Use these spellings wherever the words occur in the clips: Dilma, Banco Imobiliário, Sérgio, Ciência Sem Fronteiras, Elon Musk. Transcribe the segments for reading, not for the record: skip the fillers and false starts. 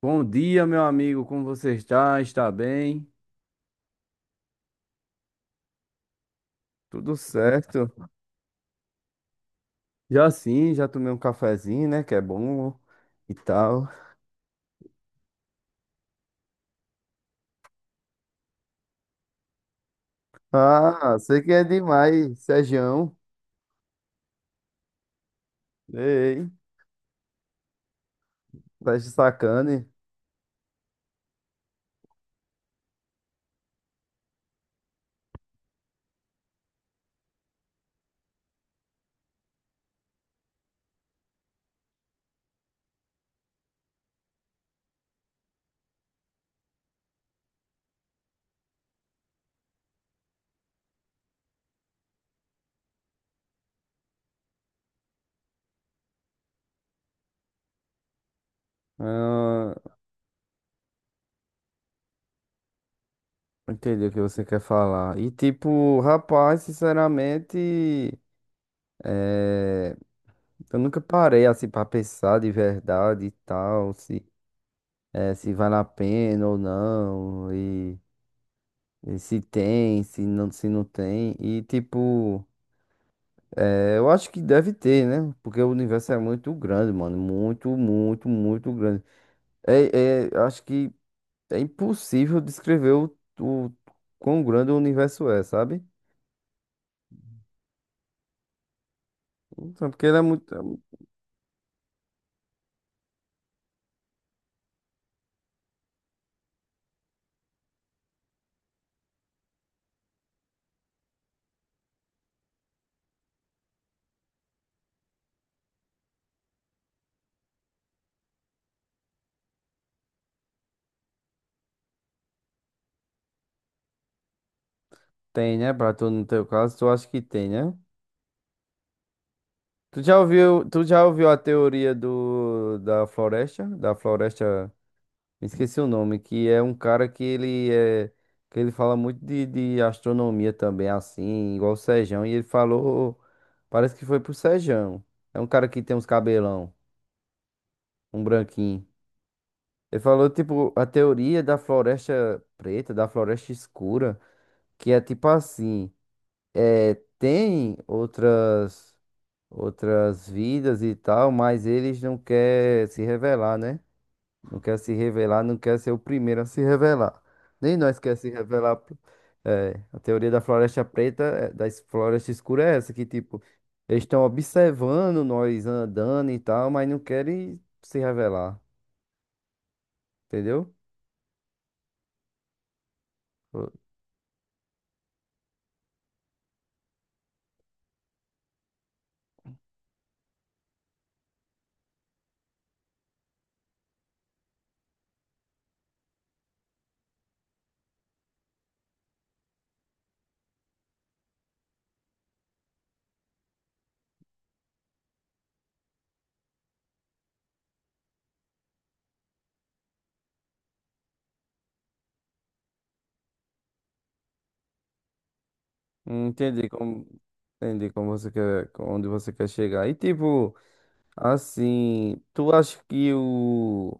Bom dia, meu amigo. Como você está? Está bem? Tudo certo. Já sim, já tomei um cafezinho, né? Que é bom e tal. Ah, sei que é demais, Sergião. Ei, tá de sacane. Ah, entendi o que você quer falar. E tipo, rapaz, sinceramente, é, eu nunca parei assim pra pensar de verdade e tal, se, é, se vale a pena ou não. E se tem, se não, se não tem. E tipo, eu acho que deve ter, né? Porque o universo é muito grande, mano. Muito, muito, muito grande. Acho que é impossível descrever o quão grande o universo é, sabe? Então, porque ele é muito. Tem, né? Pra tu, no teu caso, tu acha que tem, né? Tu já ouviu a teoria do, da floresta? Da floresta. Me esqueci o nome, que é um cara que ele é, que ele fala muito de astronomia também, assim, igual o Sejão, e ele falou, parece que foi pro Sejão. É um cara que tem uns cabelão, um branquinho. Ele falou, tipo, a teoria da floresta preta, da floresta escura, que é tipo assim, é, tem outras, outras vidas e tal, mas eles não querem se revelar, né? Não quer se revelar, não quer ser o primeiro a se revelar. Nem nós quer se revelar. É, a teoria da floresta preta, é, da floresta escura é essa, que tipo, eles estão observando nós andando e tal, mas não querem se revelar, entendeu? Eu- Entendi como, entendi como você quer, onde você quer chegar. E tipo, assim, tu acha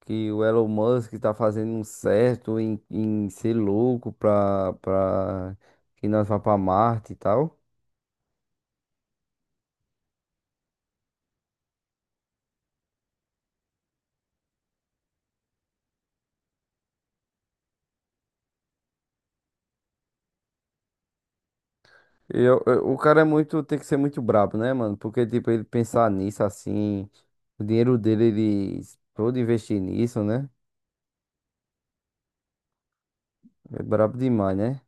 que o Elon Musk tá fazendo um certo em, em ser louco pra, pra que nós vá pra Marte e tal. O cara é muito, tem que ser muito brabo, né, mano? Porque, tipo, ele pensar nisso assim, o dinheiro dele, ele todo investir nisso, né? É brabo demais, né?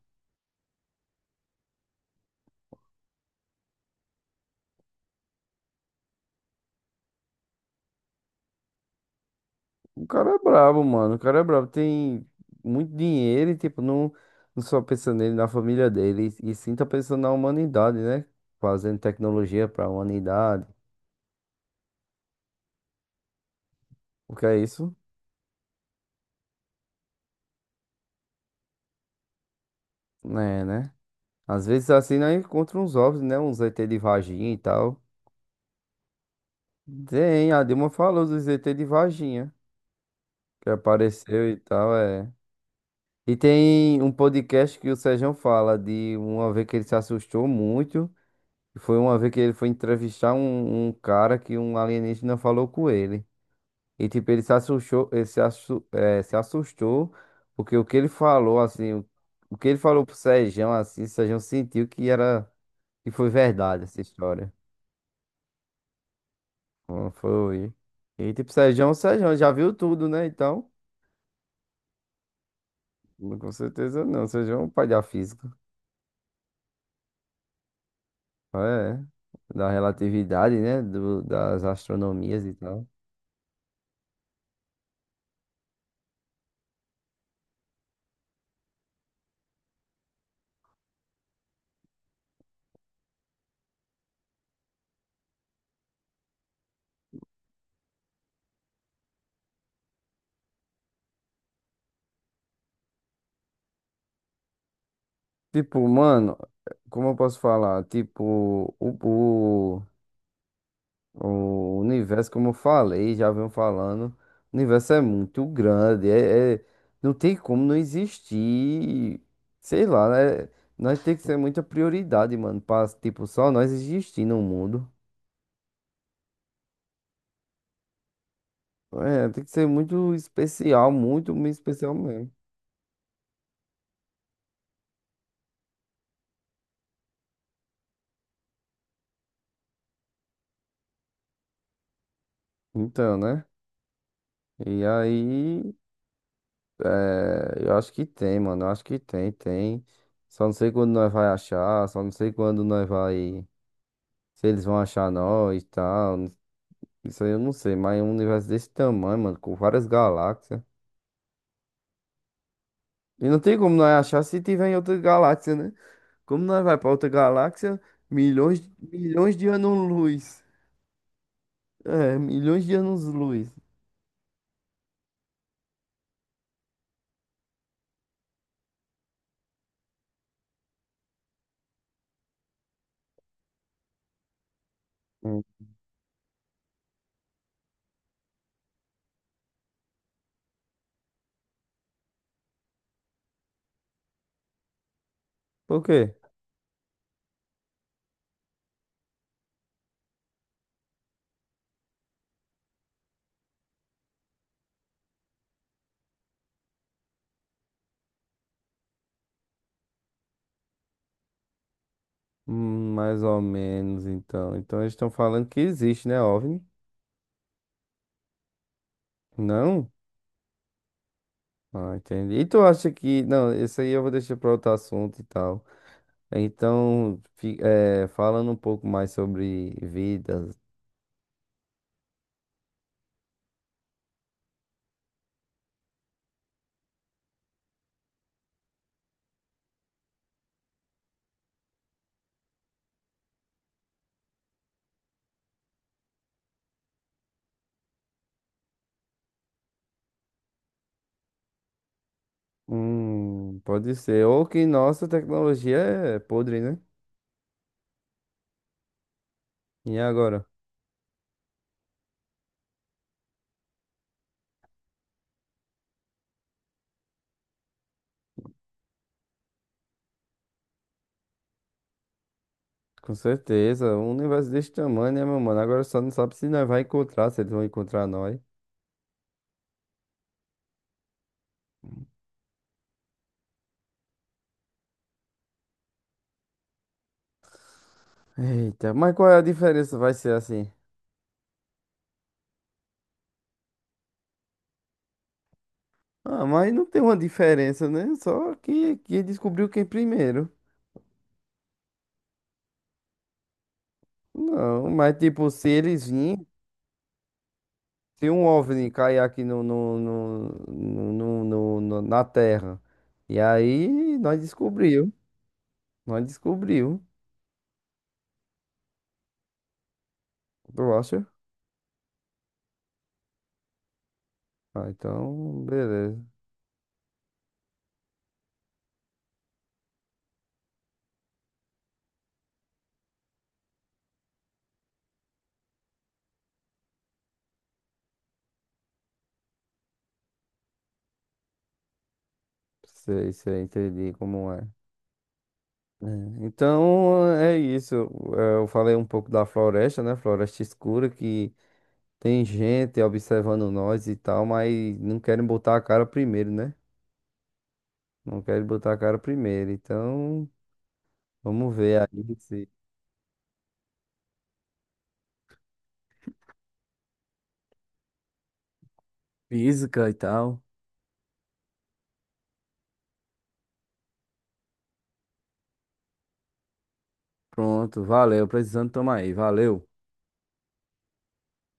O cara é brabo, mano. O cara é brabo. Tem muito dinheiro e, tipo, não, não só pensa nele, na família dele, e sim tá pensando na humanidade, né? Fazendo tecnologia pra humanidade. O que é isso? É, né? Às vezes assim nós encontramos uns ovos, né? Uns ET de vaginha e tal. Tem, a Dilma falou dos ET de vaginha, que apareceu e tal, é. E tem um podcast que o Sérgio fala de uma vez que ele se assustou muito. Foi uma vez que ele foi entrevistar um cara que um alienígena falou com ele. E tipo, ele se assustou, ele se, assu- é, se assustou, porque o que ele falou, assim, o que ele falou pro Sérgio, assim, o Sérgio sentiu que era, que foi verdade essa história. Bom, foi. E tipo, Sérgio, Sérgio já viu tudo, né? Então, com certeza não. Sérgio é um pai da física. É. Da relatividade, né? Do, das astronomias e tal. Tipo, mano, como eu posso falar? Tipo, o, o, o universo, como eu falei, já venho falando, o universo é muito grande. Não tem como não existir. Sei lá, né? Nós tem que ser muita prioridade, mano, pra, tipo, só nós existir no mundo. É, tem que ser muito especial, muito, muito especial mesmo. Então, né? E aí, eu acho que tem, mano. Eu acho que tem, tem. Só não sei quando nós vai achar, só não sei quando nós vai. Se eles vão achar nós e tal. Isso aí eu não sei, mas é um universo desse tamanho, mano, com várias galáxias. E não tem como nós achar se tiver em outra galáxia, né? Como nós vai pra outra galáxia, milhões, milhões de anos-luz. É, milhões de anos-luz. Hum. Por quê? Mais ou menos, então. Então eles estão falando que existe, né, OVNI? Não? Ah, entendi. E tu acha que... Não, isso aí eu vou deixar para outro assunto e tal. Então, falando um pouco mais sobre vidas. Pode ser. Ou que nossa tecnologia é podre, né? E agora? Com certeza. Um universo desse tamanho, né, meu mano? Agora só não sabe se nós vai encontrar, se eles vão encontrar nós. Eita, mas qual é a diferença? Vai ser assim. Ah, mas não tem uma diferença, né? Só que descobriu quem primeiro. Não, mas tipo, se eles virem, se um OVNI cair aqui na Terra, e aí nós descobriu, tu acha? Ah, então, beleza. Sei, sei, entendi como é. É, então, é isso. É, eu falei um pouco da floresta, né? Floresta escura que tem gente observando nós e tal, mas não querem botar a cara primeiro, né? Não querem botar a cara primeiro. Então, vamos ver aí se. Física e tal. Pronto, valeu. Precisando tomar aí, valeu.